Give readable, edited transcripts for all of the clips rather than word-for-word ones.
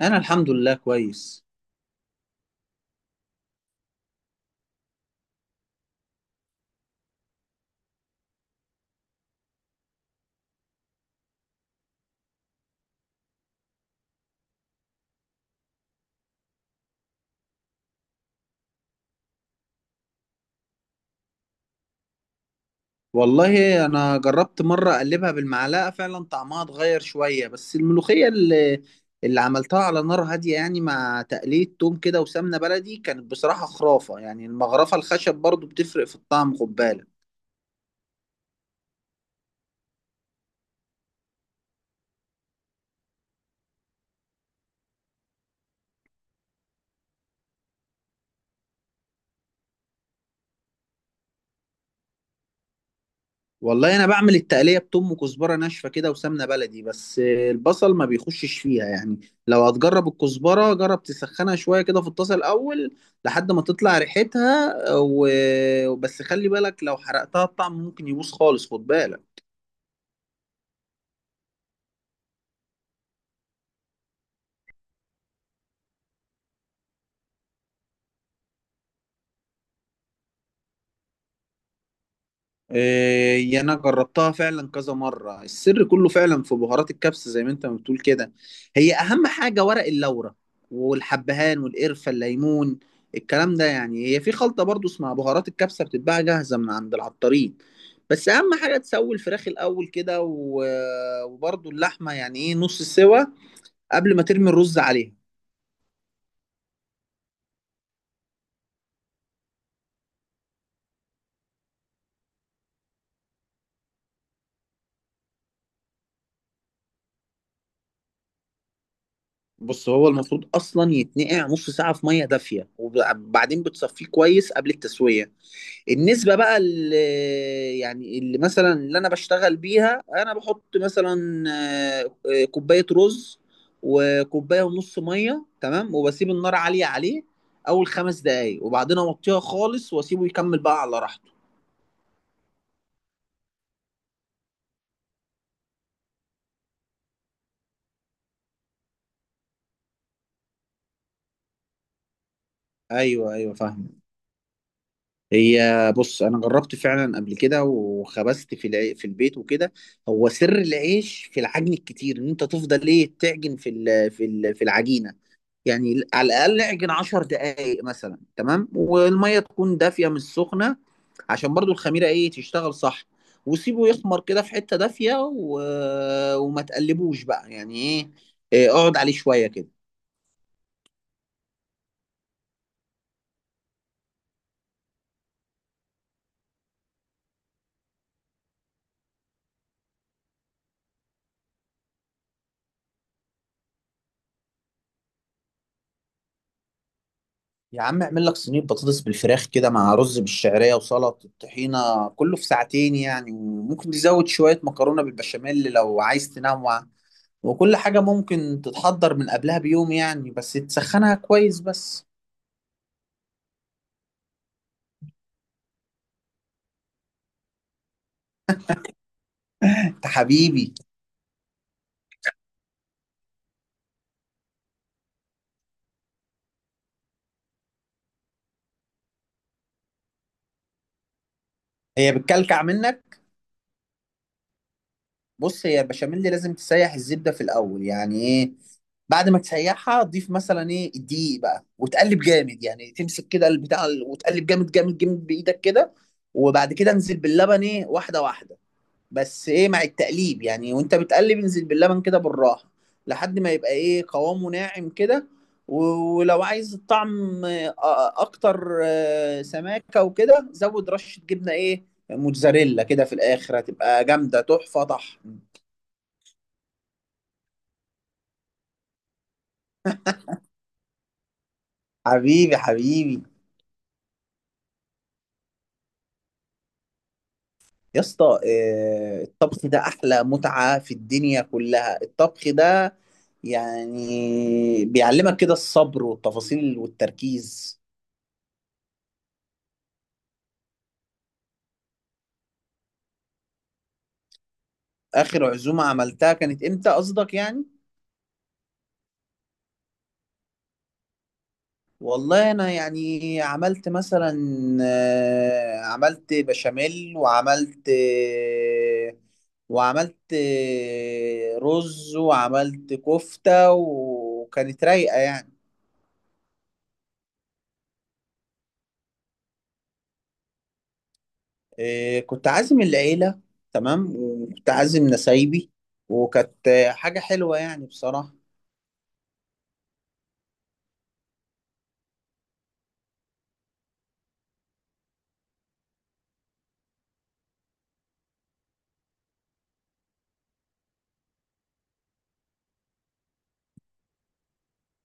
انا الحمد لله كويس. والله انا جربت مره اقلبها بالمعلقه فعلا طعمها اتغير شويه، بس الملوخيه اللي عملتها على نار هاديه يعني مع تقليه توم كده وسمنه بلدي كانت بصراحه خرافه، يعني المغرفه الخشب برضو بتفرق في الطعم، خد بالك. والله انا بعمل التقليه بتوم وكزبره ناشفه كده وسمنه بلدي، بس البصل ما بيخشش فيها يعني. لو هتجرب الكزبره جرب تسخنها شويه كده في الطاسه الاول لحد ما تطلع ريحتها وبس، خلي بالك لو حرقتها الطعم ممكن يبوظ خالص، خد بالك. إيه، انا جربتها فعلا كذا مره، السر كله فعلا في بهارات الكبسه زي ما انت ما بتقول كده، هي اهم حاجه ورق اللورة والحبهان والقرفه الليمون الكلام ده يعني، هي في خلطه برضو اسمها بهارات الكبسه بتتباع جاهزه من عند العطارين، بس اهم حاجه تسوي الفراخ الاول كده وبرضو اللحمه يعني ايه نص سوا قبل ما ترمي الرز عليها. بص هو المفروض اصلا يتنقع نص ساعه في ميه دافيه، وبعدين بتصفيه كويس قبل التسويه. النسبة بقى اللي يعني اللي مثلا اللي أنا بشتغل بيها، أنا بحط مثلا كوباية رز وكوباية ونص مية، تمام؟ وبسيب النار عالية عليه أول خمس دقايق وبعدين أوطيها خالص وأسيبه يكمل بقى على راحته. أيوه، أيوه، فاهم. هي بص أنا جربت فعلا قبل كده وخبزت في في البيت وكده، هو سر العيش في العجن الكتير، إن أنت تفضل إيه تعجن في العجينة، يعني على الاقل اعجن 10 دقائق مثلا، تمام، والميه تكون دافيه مش سخنه عشان برضو الخميره ايه تشتغل صح، وسيبه يخمر كده في حته دافيه، وما تقلبوش بقى يعني ايه، إيه، اقعد عليه شويه كده. يا عم اعمل لك صينيه بطاطس بالفراخ كده مع رز بالشعريه وسلطه الطحينه، كله في ساعتين يعني، وممكن تزود شويه مكرونه بالبشاميل لو عايز تنوع، وكل حاجه ممكن تتحضر من قبلها بيوم يعني، بس تسخنها كويس بس. انت حبيبي. هي بتكلكع منك. بص، هي البشاميل دي لازم تسيح الزبده في الاول يعني ايه، بعد ما تسيحها ضيف مثلا ايه الدقيق بقى وتقلب جامد، يعني تمسك كده وتقلب جامد جامد جامد بايدك كده، وبعد كده انزل باللبن ايه واحده واحده، بس ايه مع التقليب يعني، وانت بتقلب انزل باللبن كده بالراحه لحد ما يبقى ايه قوامه ناعم كده، ولو عايز الطعم اكتر سماكه وكده زود رشه جبنه ايه موتزاريلا كده في الاخر، هتبقى جامده تحفه طحن. حبيبي حبيبي. يا اسطى، الطبخ ده احلى متعه في الدنيا كلها الطبخ ده، يعني بيعلمك كده الصبر والتفاصيل والتركيز. آخر عزومة عملتها كانت إمتى قصدك يعني؟ والله أنا يعني عملت مثلا عملت بشاميل وعملت وعملت رز وعملت كفتة، وكانت رايقة يعني. كنت عازم العيلة، تمام، وكنت عازم نسايبي، وكانت حاجة حلوة يعني بصراحة.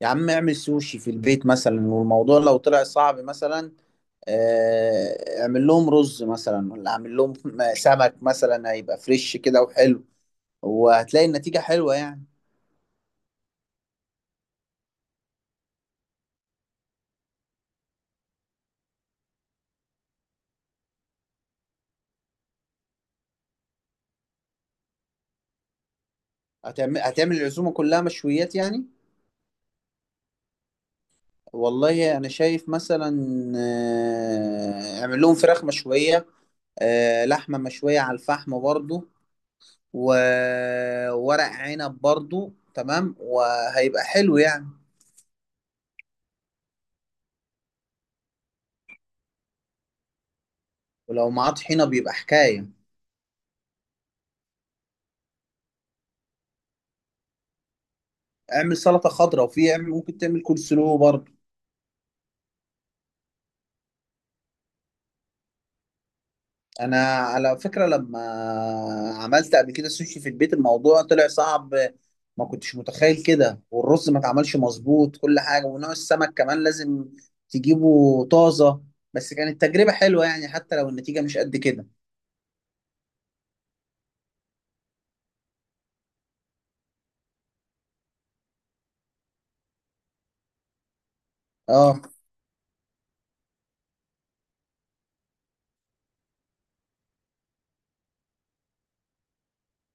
يا عم اعمل سوشي في البيت مثلا، والموضوع لو طلع صعب مثلا اعمل لهم رز مثلا، ولا اعمل لهم سمك مثلا هيبقى فريش كده وحلو، وهتلاقي النتيجة حلوة يعني. هتعمل العزومة كلها مشويات يعني؟ والله انا شايف مثلا اعمل لهم فراخ مشوية، لحمة مشوية على الفحم برضو، وورق عنب برضو، تمام، وهيبقى حلو يعني. ولو معاه طحينة بيبقى حكاية. اعمل سلطة خضراء، وفي اعمل ممكن تعمل كول سلو برضو. انا على فكره لما عملت قبل كده سوشي في البيت الموضوع طلع صعب، ما كنتش متخيل كده، والرز ما اتعملش مظبوط، كل حاجه ونوع السمك كمان لازم تجيبه طازه، بس كانت تجربه حلوه يعني حتى لو النتيجه مش قد كده. اه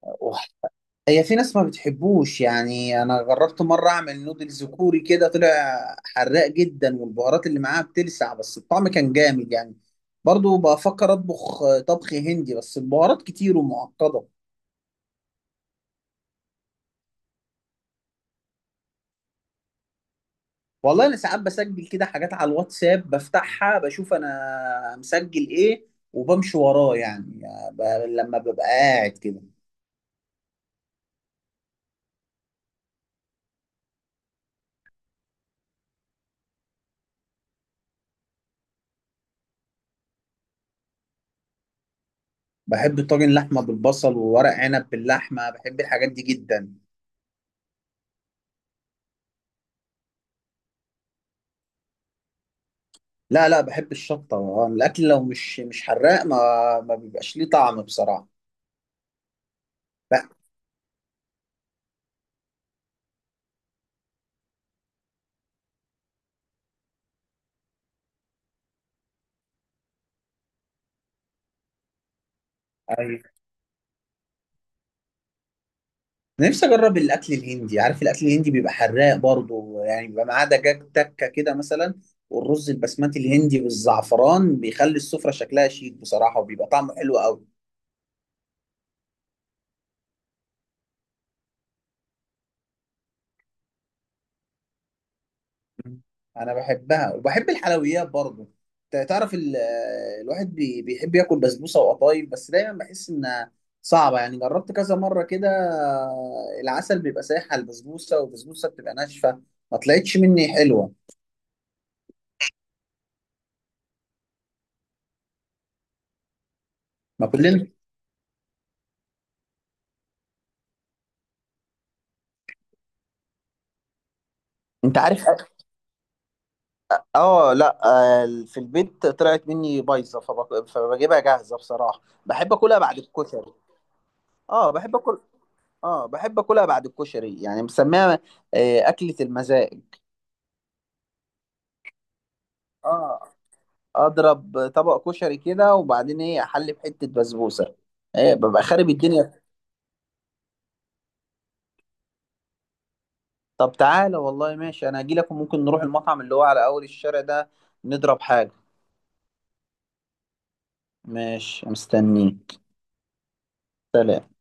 وح- هي في ناس ما بتحبوش يعني، انا جربت مره اعمل نودلز كوري كده، طلع حراق جدا والبهارات اللي معاها بتلسع، بس الطعم كان جامد يعني، برضو بفكر اطبخ طبخ هندي بس البهارات كتير ومعقده. والله انا ساعات بسجل كده حاجات على الواتساب، بفتحها بشوف انا مسجل ايه وبمشي وراه يعني، ب... لما ببقى قاعد كده. بحب طاجن لحمه بالبصل وورق عنب باللحمه، بحب الحاجات دي جدا. لا، لا، بحب الشطه، الاكل لو مش حراق ما بيبقاش ليه طعم بصراحه. لا، أنا نفسي اجرب الاكل الهندي، عارف الاكل الهندي بيبقى حراق برضه يعني، بيبقى معاه دجاج تكه كده مثلا والرز البسمتي الهندي بالزعفران بيخلي السفرة شكلها شيك بصراحة وبيبقى طعمه حلو قوي. انا بحبها وبحب الحلويات برضه، ت- تعرف ال- الواحد بيحب ياكل بسبوسة وقطايف، بس دايما بحس انها صعبة يعني، جربت كذا مرة كده العسل بيبقى سايح على البسبوسة والبسبوسة بتبقى ناشفة، ما طلعتش مني حلوة. ما كلنا. انت عارف. اه، لا، في البيت طلعت مني بايظه، فبجيبها جاهزه بصراحه، بحب اكلها بعد الكشري. اه بحب اكل، اه بحب اكلها بعد الكشري يعني، مسميها اكله المزاج. اه، اضرب طبق كشري كده وبعدين ايه احلي بحته بسبوسه ايه، ببقى خارب الدنيا. طب تعالى، والله ماشي، انا هجي لك وممكن نروح المطعم اللي هو على اول الشارع ده، نضرب حاجه. ماشي مستنيك. سلام.